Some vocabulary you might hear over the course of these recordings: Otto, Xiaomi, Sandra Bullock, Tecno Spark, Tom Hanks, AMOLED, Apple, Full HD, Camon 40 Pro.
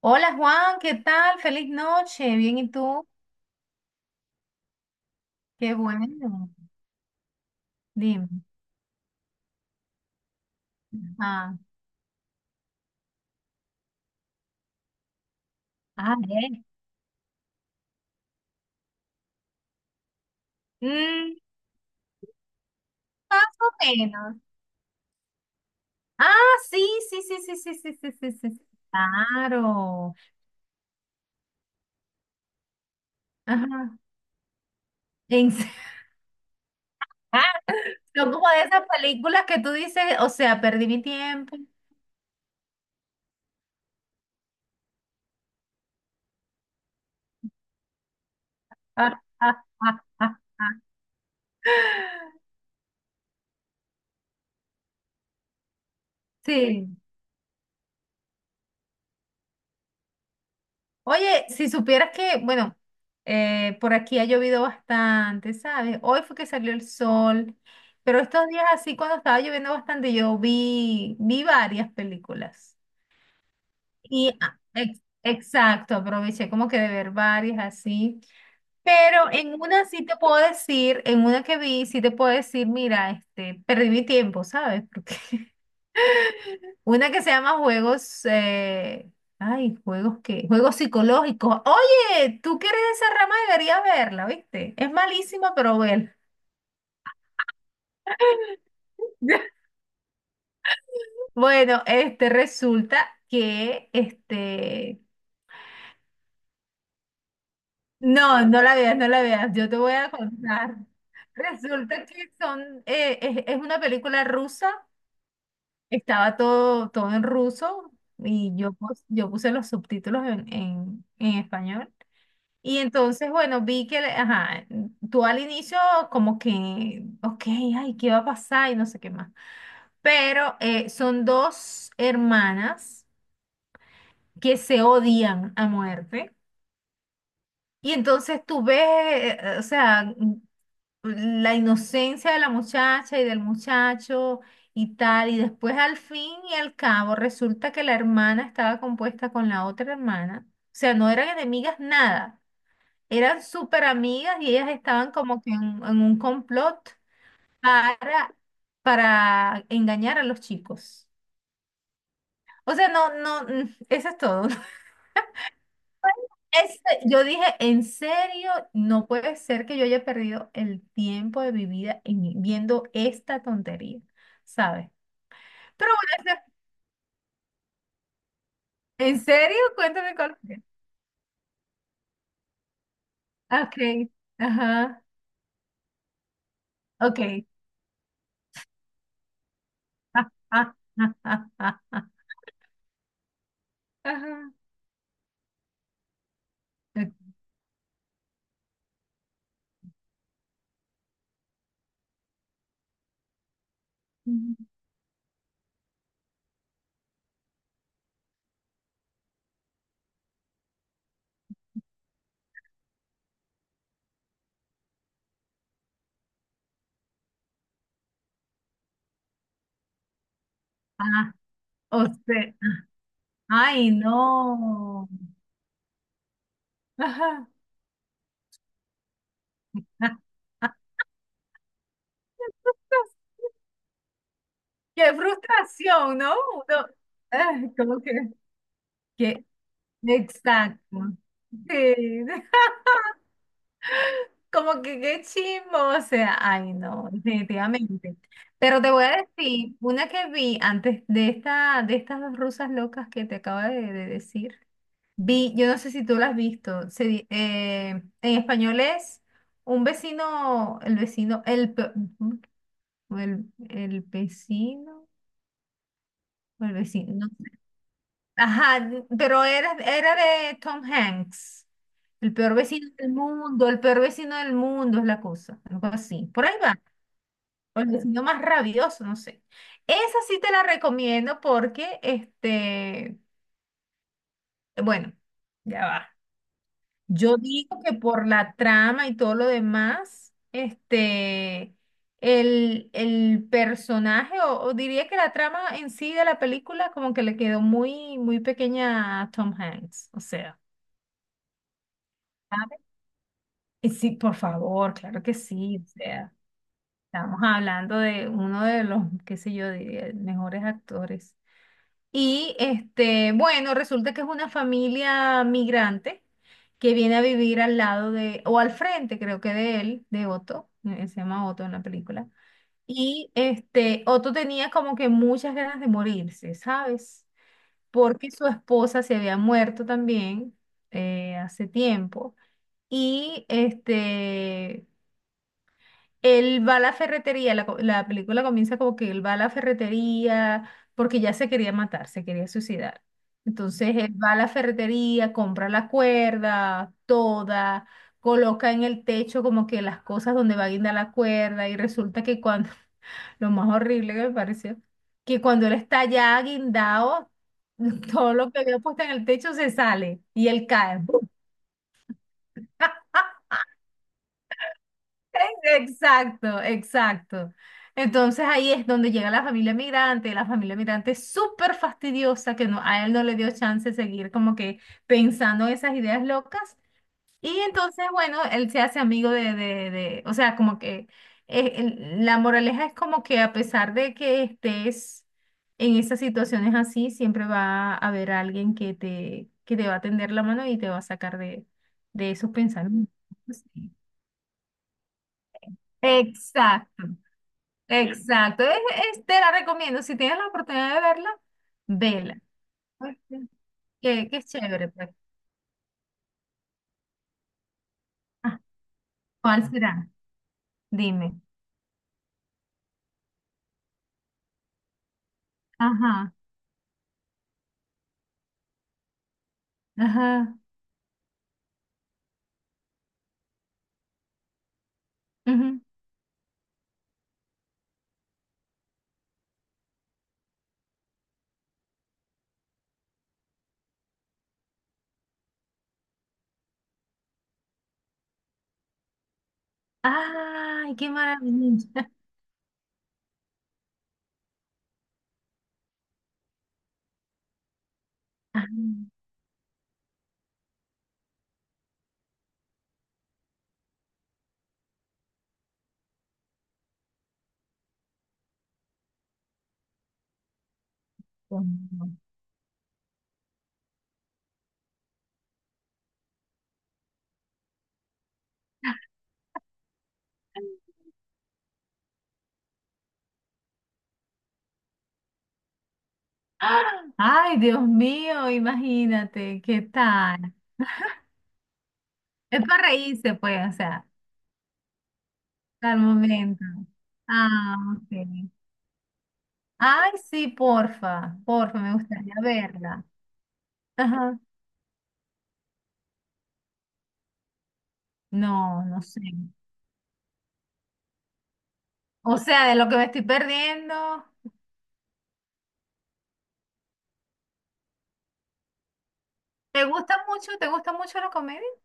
Hola Juan, ¿qué tal? Feliz noche. Bien, ¿y tú? Qué bueno. Dime. Ah, ah, bien. Mm, más o menos. Ah, sí, sí, sí, sí, sí, sí, sí, sí, sí, sí. Claro. Ajá. En se- Ah, son como de esas películas que tú dices, o sea, perdí mi tiempo. Ah, ah, ah, ah, ah. Sí. Oye, si supieras que, bueno, por aquí ha llovido bastante, ¿sabes? Hoy fue que salió el sol, pero estos días así, cuando estaba lloviendo bastante, yo vi varias películas. Y exacto, aproveché como que de ver varias así. Pero en una sí te puedo decir, en una que vi, sí te puedo decir, mira, este, perdí mi tiempo, ¿sabes? Porque una que se llama juegos, ay, juegos psicológicos. Oye, tú que eres de esa rama deberías verla, ¿viste? Es malísima, pero bueno. Bueno, resulta que no, no la veas, no la veas, yo te voy a contar. Resulta que es una película rusa, estaba todo, todo en ruso y yo puse los subtítulos en, en español. Y entonces, bueno, vi que, ajá, tú al inicio como que, ok, ay, ¿qué va a pasar? Y no sé qué más. Pero son dos hermanas que se odian a muerte. Y entonces tú ves, o sea, la inocencia de la muchacha y del muchacho y tal, y después al fin y al cabo resulta que la hermana estaba compuesta con la otra hermana, o sea, no eran enemigas nada, eran súper amigas y ellas estaban como que en, un complot para, para engañar a los chicos. O sea, no, no, eso es todo. Ese- yo dije, en serio, no puede ser que yo haya perdido el tiempo de mi vida viendo esta tontería, ¿sabes? Pero bueno, en serio, cuéntame cuál fue. Ok, ajá, ok. Ah, ah, ah, ah, ah, ah, ajá. Ok. Ah, o sea, ay, no. Ajá. Ah, ah. Qué frustración, ¿no? Uno, como que, que exacto. Sí, como que qué chimbo, o sea, ay no, definitivamente. Pero te voy a decir, una que vi antes de esta, de estas dos rusas locas que te acabo de decir, yo no sé si tú la has visto, en español es un vecino, el vecino, ujú, o el vecino, o el vecino, no. Ajá, pero era de Tom Hanks. El peor vecino del mundo, el peor vecino del mundo es la cosa. Algo así. Por ahí va. O el vecino más rabioso, no sé. Esa sí te la recomiendo porque, bueno, ya va. Yo digo que por la trama y todo lo demás, el personaje, o diría que la trama en sí de la película, como que le quedó muy, muy pequeña a Tom Hanks. O sea. Y sí, por favor, claro que sí. O sea, estamos hablando de uno de los, qué sé yo, de mejores actores. Y bueno, resulta que es una familia migrante que viene a vivir al lado de, o al frente, creo que de él, de Otto, se llama Otto en la película. Y Otto tenía como que muchas ganas de morirse, ¿sabes? Porque su esposa se había muerto también, hace tiempo. Y él va a la ferretería, la película comienza como que él va a la ferretería porque ya se quería matar, se quería suicidar. Entonces él va a la ferretería, compra la cuerda, toda, coloca en el techo como que las cosas donde va a guindar la cuerda y resulta que cuando, lo más horrible que me pareció, que cuando él está ya guindado, todo lo que había puesto en el techo se sale y él cae. Exacto, exacto. Entonces ahí es donde llega la familia migrante es súper fastidiosa, que no, a él no le dio chance de seguir como que pensando esas ideas locas. Y entonces, bueno, él se hace amigo o sea, como que la moraleja es como que a pesar de que estés en esas situaciones así, siempre va a haber alguien que te va a tender la mano y te va a sacar de esos pensamientos. Sí. Exacto. Exacto, te la recomiendo. Si tienes la oportunidad de verla, vela. Pues, qué chévere, pues. Ah, ¿cuál será? Dime. Ajá, ajá, ujú. Ay, qué maravilla. Ay, Dios mío. Ay, Dios mío, imagínate, ¿qué tal? Es para reírse, pues, o sea, al momento. Ah, ok. Ay, sí, porfa, porfa, me gustaría verla. Ajá. No, no sé. O sea, de lo que me estoy perdiendo. ¿Te gusta mucho? ¿Te gusta mucho la comedia?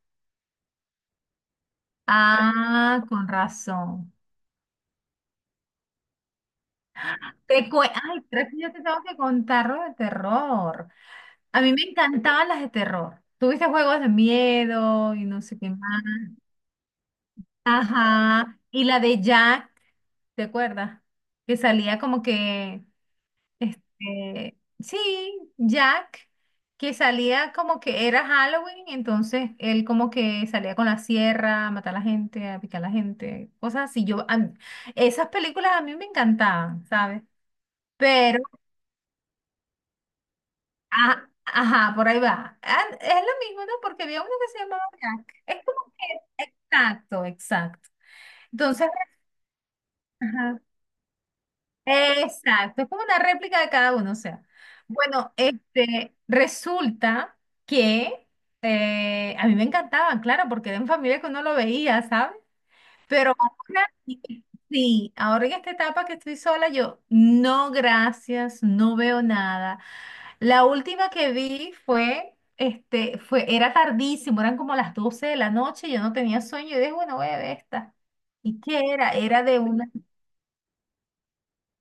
Ah, con razón. Ay, creo que yo te tengo que contar lo de terror. A mí me encantaban las de terror. Tuviste juegos de miedo y no sé qué más. Ajá. Y la de Jack, ¿te acuerdas? Que salía como que sí, Jack, que salía como que era Halloween, entonces él como que salía con la sierra a matar a la gente, a picar a la gente, cosas así. Esas películas a mí me encantaban, ¿sabes? Pero, ajá, por ahí va. Ah, es lo mismo, ¿no? Porque había uno que se llamaba Jack. Es como que, exacto, exacto. Entonces, exacto, es como una réplica de cada uno, o sea. Bueno, resulta que a mí me encantaban, claro, porque era en familia que uno lo veía, ¿sabes? Pero ahora sí, ahora en esta etapa que estoy sola, yo no, gracias, no veo nada. La última que vi fue, era tardísimo, eran como las 12 de la noche, yo no tenía sueño, y dije, bueno, voy a ver esta. ¿Y qué era? Era de una.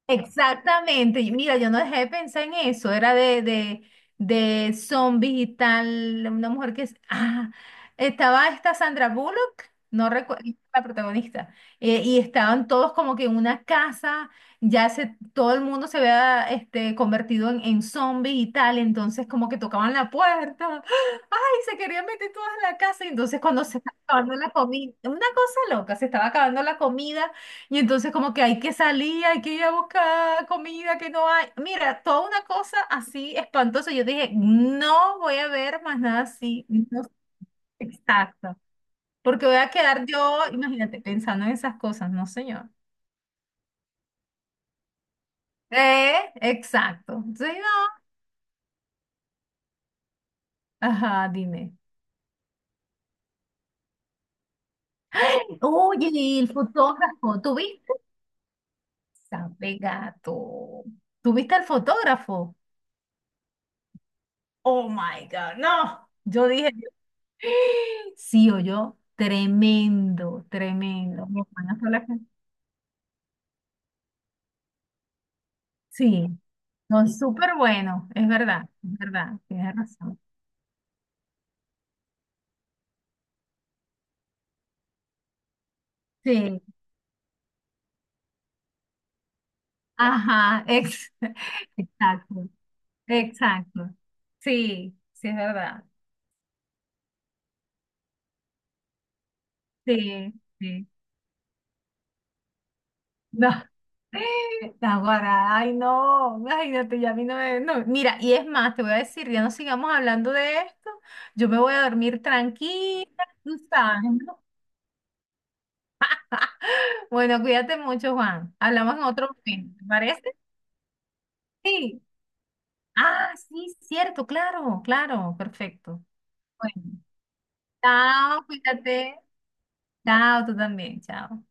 Exactamente. Y mira, yo no dejé de pensar en eso. Era de zombies y tal. Una mujer que estaba esta Sandra Bullock, no recuerdo, la protagonista. Y estaban todos como que en una casa. Todo el mundo se había convertido en, zombie y tal. Entonces como que tocaban la puerta. Ay, se querían meter todas en la casa. Y entonces cuando se estaba acabando la comida. Una cosa loca, se estaba acabando la comida. Y entonces como que hay que salir, hay que ir a buscar comida que no hay. Mira, toda una cosa así espantosa. Yo dije, no voy a ver más nada así. No, exacto. Porque voy a quedar yo, imagínate, pensando en esas cosas, no señor. Eh, exacto. Entonces, no. Ajá, dime. Oye, y el fotógrafo, ¿tú viste? Sabe gato. ¿Tú viste al fotógrafo? Oh my God, no. Yo dije, sí o yo, tremendo, tremendo. Mis hermanas fue la sí, son es súper bueno, es verdad, tienes razón. Sí, ajá, exacto, exacto. Sí, sí, es verdad. Sí, sí. No, Naguará, ay no, imagínate, ya a mí no me, no, mira, y es más, te voy a decir, ya no sigamos hablando de esto, yo me voy a dormir tranquila, tú sabes, ¿no? Bueno, cuídate mucho, Juan, hablamos en otro momento, ¿te parece? Sí, sí, cierto, claro, claro, perfecto. Bueno, chao, cuídate, chao, tú también, chao.